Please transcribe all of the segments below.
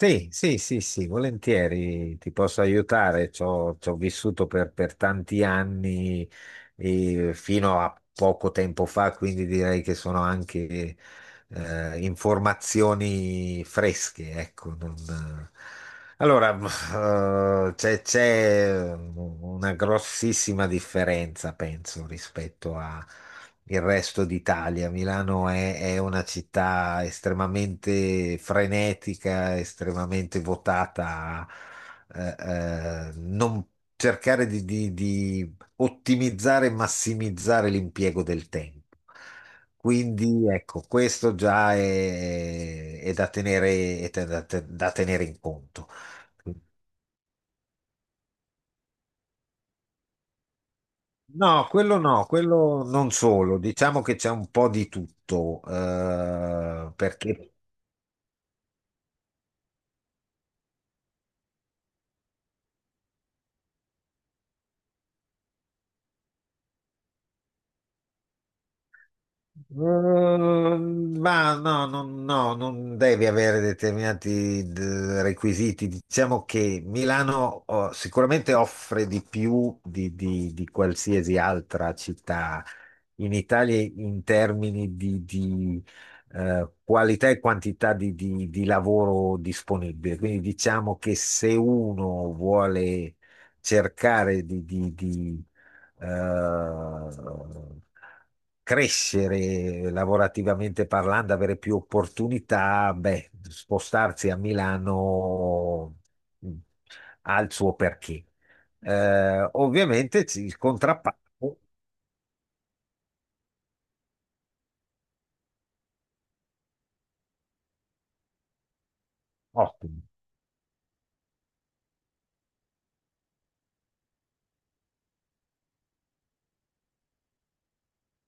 Sì, sì, sì, sì, volentieri ti posso aiutare. Ci ho vissuto per tanti anni, fino a poco tempo fa, quindi direi che sono anche informazioni fresche, ecco, non, allora, c'è una grossissima differenza, penso, rispetto al resto d'Italia. Milano è una città estremamente frenetica, estremamente votata a non cercare di ottimizzare e massimizzare l'impiego del tempo. Quindi ecco, questo già è da tenere, è da tenere in conto. No, quello no, quello non solo, diciamo che c'è un po' di tutto, perché. Mm, ma no, no, no, non devi avere determinati requisiti. Diciamo che Milano oh, sicuramente offre di più di qualsiasi altra città in Italia in termini qualità e quantità di lavoro disponibile. Quindi diciamo che se uno vuole cercare eh, crescere lavorativamente parlando, avere più opportunità, beh, spostarsi a Milano mh, ha il suo perché. Ovviamente il contrappasso, ottimo.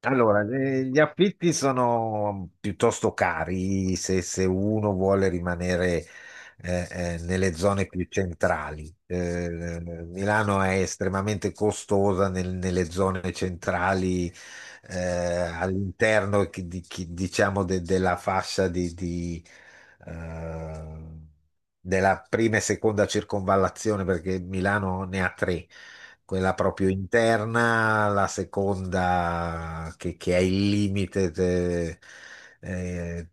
Allora, gli affitti sono piuttosto cari se uno vuole rimanere nelle zone più centrali. Milano è estremamente costosa nelle zone centrali, all'interno diciamo della fascia eh, della prima e seconda circonvallazione, perché Milano ne ha tre: quella proprio interna, la seconda che è il limite eh,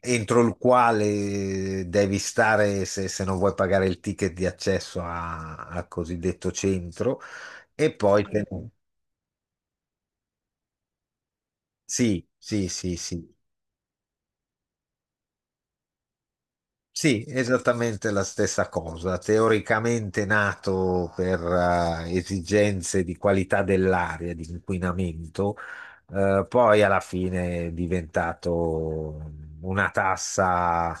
entro il quale devi stare se non vuoi pagare il ticket di accesso al cosiddetto centro. E poi, sì, sì, sì, sì. Sì, esattamente la stessa cosa. Teoricamente nato per esigenze di qualità dell'aria, di inquinamento, poi alla fine è diventato una tassa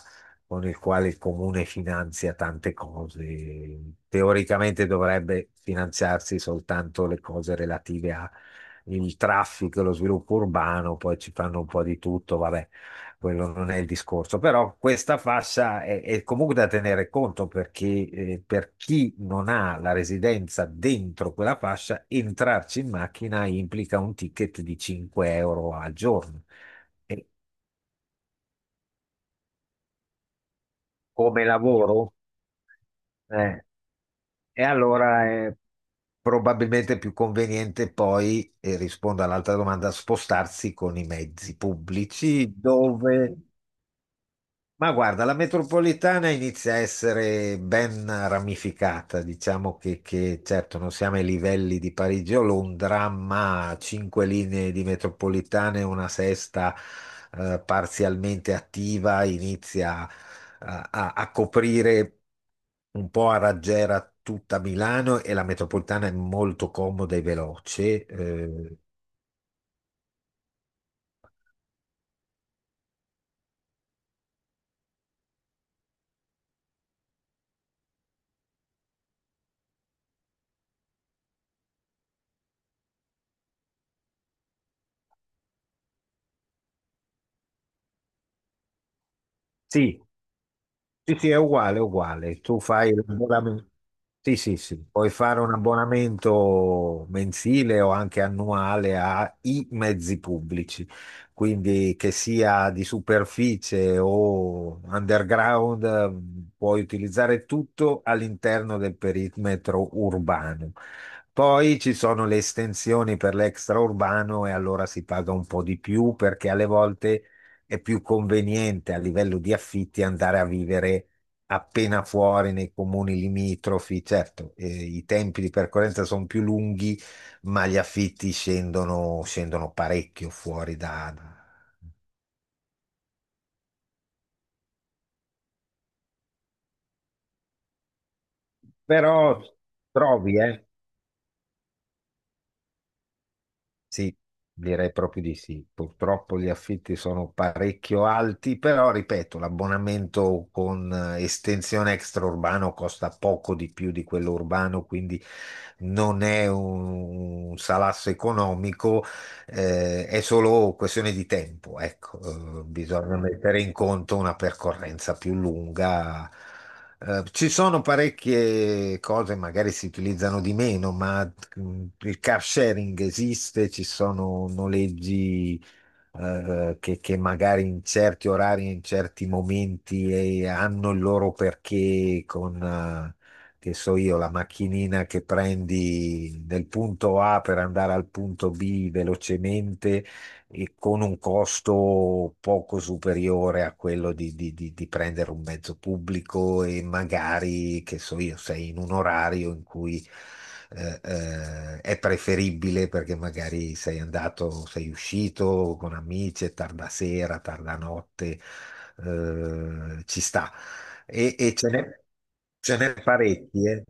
con il quale il comune finanzia tante cose. Teoricamente dovrebbe finanziarsi soltanto le cose relative al traffico e lo sviluppo urbano, poi ci fanno un po' di tutto, vabbè, quello non è il discorso, però questa fascia è comunque da tenere conto, perché per chi non ha la residenza dentro quella fascia, entrarci in macchina implica un ticket di 5 € al giorno. E come lavoro? Eh, e allora è probabilmente più conveniente poi, e rispondo all'altra domanda, spostarsi con i mezzi pubblici dove. Ma guarda, la metropolitana inizia a essere ben ramificata, diciamo certo non siamo ai livelli di Parigi o Londra, ma cinque linee di metropolitane, una sesta parzialmente attiva, inizia a, a coprire un po' a raggiera tutta Milano, e la metropolitana è molto comoda e veloce. Sì. Sì, sì, è uguale, è uguale. Tu fai l'abbonamento. Sì, sì, sì. Puoi fare un abbonamento mensile o anche annuale ai mezzi pubblici, quindi che sia di superficie o underground, puoi utilizzare tutto all'interno del perimetro urbano. Poi ci sono le estensioni per l'extraurbano e allora si paga un po' di più, perché alle volte è più conveniente a livello di affitti andare a vivere appena fuori nei comuni limitrofi. Certo, i tempi di percorrenza sono più lunghi, ma gli affitti scendono, scendono parecchio fuori da… Però trovi, sì, direi proprio di sì. Purtroppo gli affitti sono parecchio alti, però ripeto, l'abbonamento con estensione extraurbano costa poco di più di quello urbano, quindi non è un salasso economico, è solo questione di tempo, ecco. Bisogna mettere in conto una percorrenza più lunga. Ci sono parecchie cose, magari si utilizzano di meno, ma il car sharing esiste, ci sono noleggi che magari in certi orari, in certi momenti hanno il loro perché con, che so io, la macchinina che prendi nel punto A per andare al punto B velocemente e con un costo poco superiore a quello di prendere un mezzo pubblico, e magari, che so io, sei in un orario in cui è preferibile perché magari sei andato, sei uscito con amici, è tarda sera, tarda notte, ci sta. Ce n'è, ce n'è parecchi, eh,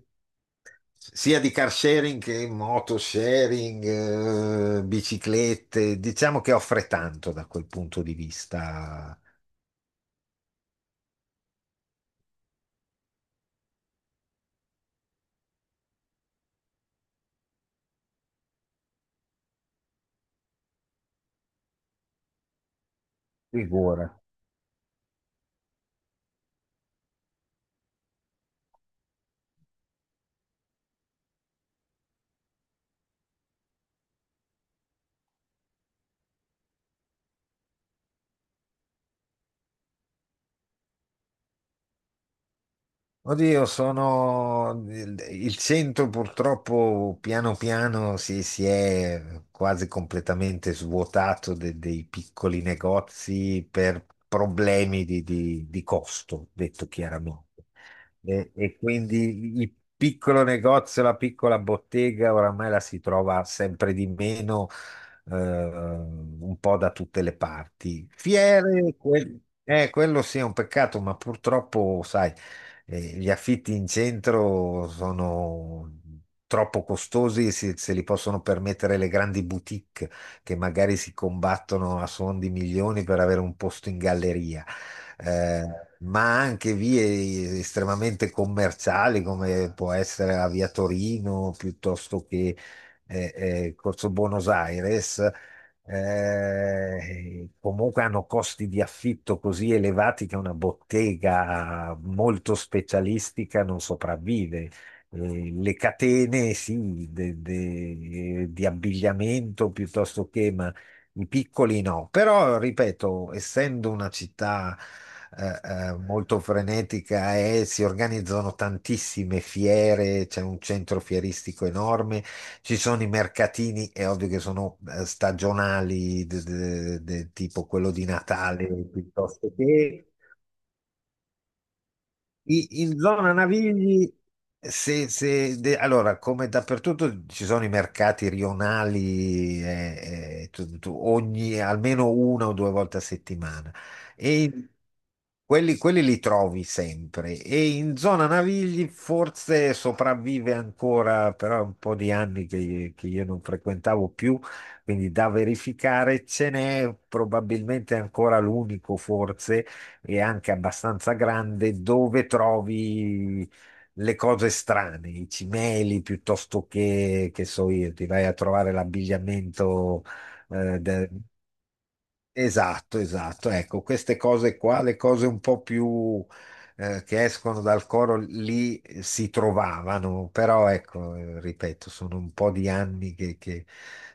sia di car sharing che moto sharing, biciclette, diciamo che offre tanto da quel punto di vista. Figura. Oddio, sono il centro purtroppo piano piano si è quasi completamente svuotato dei piccoli negozi per problemi di costo, detto chiaramente. E quindi il piccolo negozio, la piccola bottega, oramai la si trova sempre di meno, un po' da tutte le parti. Fiere, quello sì è un peccato, ma purtroppo, sai, gli affitti in centro sono troppo costosi, se li possono permettere le grandi boutique che magari si combattono a suon di milioni per avere un posto in galleria. Eh, ma anche vie estremamente commerciali, come può essere la via Torino piuttosto che Corso Buenos Aires, comunque hanno costi di affitto così elevati che una bottega molto specialistica non sopravvive. Le catene, sì, di abbigliamento piuttosto che, ma i piccoli no. Però, ripeto, essendo una città molto frenetica, e si organizzano tantissime fiere, c'è un centro fieristico enorme, ci sono i mercatini, è ovvio che sono stagionali, tipo quello di Natale piuttosto che in zona Navigli, allora, come dappertutto ci sono i mercati rionali, ogni, almeno una o due volte a settimana, e quelli, quelli li trovi sempre. E in zona Navigli forse sopravvive ancora, però è un po' di anni che io non frequentavo più, quindi da verificare. Ce n'è probabilmente ancora l'unico forse, e anche abbastanza grande, dove trovi le cose strane, i cimeli piuttosto che so io, ti vai a trovare l'abbigliamento. Esatto, esatto. Ecco, queste cose qua, le cose un po' più che escono dal coro lì si trovavano, però ecco, ripeto, sono un po' di anni che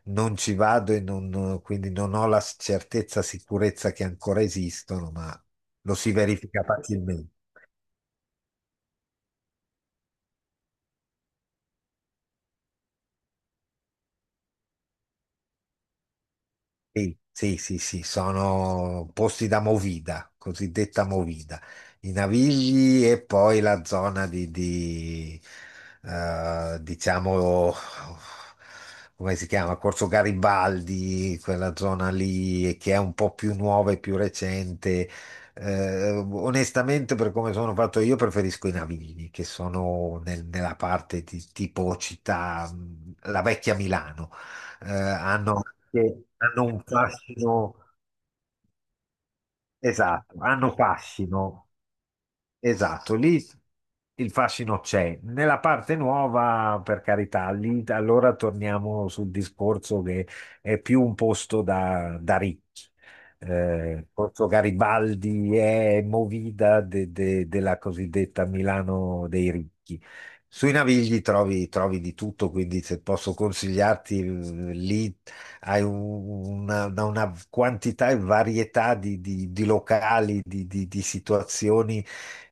non ci vado e quindi non ho la certezza, sicurezza che ancora esistono, ma lo si verifica facilmente. Sì, sì, sì, sì, sono posti da movida, cosiddetta movida, i Navigli e poi la zona diciamo, come si chiama? Corso Garibaldi, quella zona lì che è un po' più nuova e più recente. Onestamente, per come sono fatto io, preferisco i Navigli, che sono nella parte di tipo città, la vecchia Milano hanno che hanno un fascino, esatto, hanno fascino, esatto, lì il fascino c'è. Nella parte nuova, per carità, lì allora torniamo sul discorso che è più un posto da ricchi. Corso Garibaldi è movida della cosiddetta Milano dei ricchi. Sui Navigli trovi, trovi di tutto, quindi se posso consigliarti, lì hai una quantità e varietà di locali, di situazioni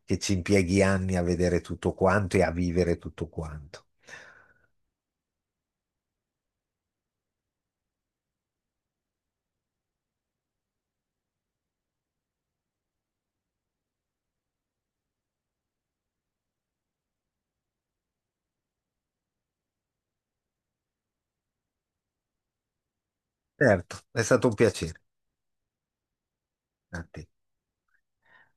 che ci impieghi anni a vedere tutto quanto e a vivere tutto quanto. Certo, è stato un piacere. A te.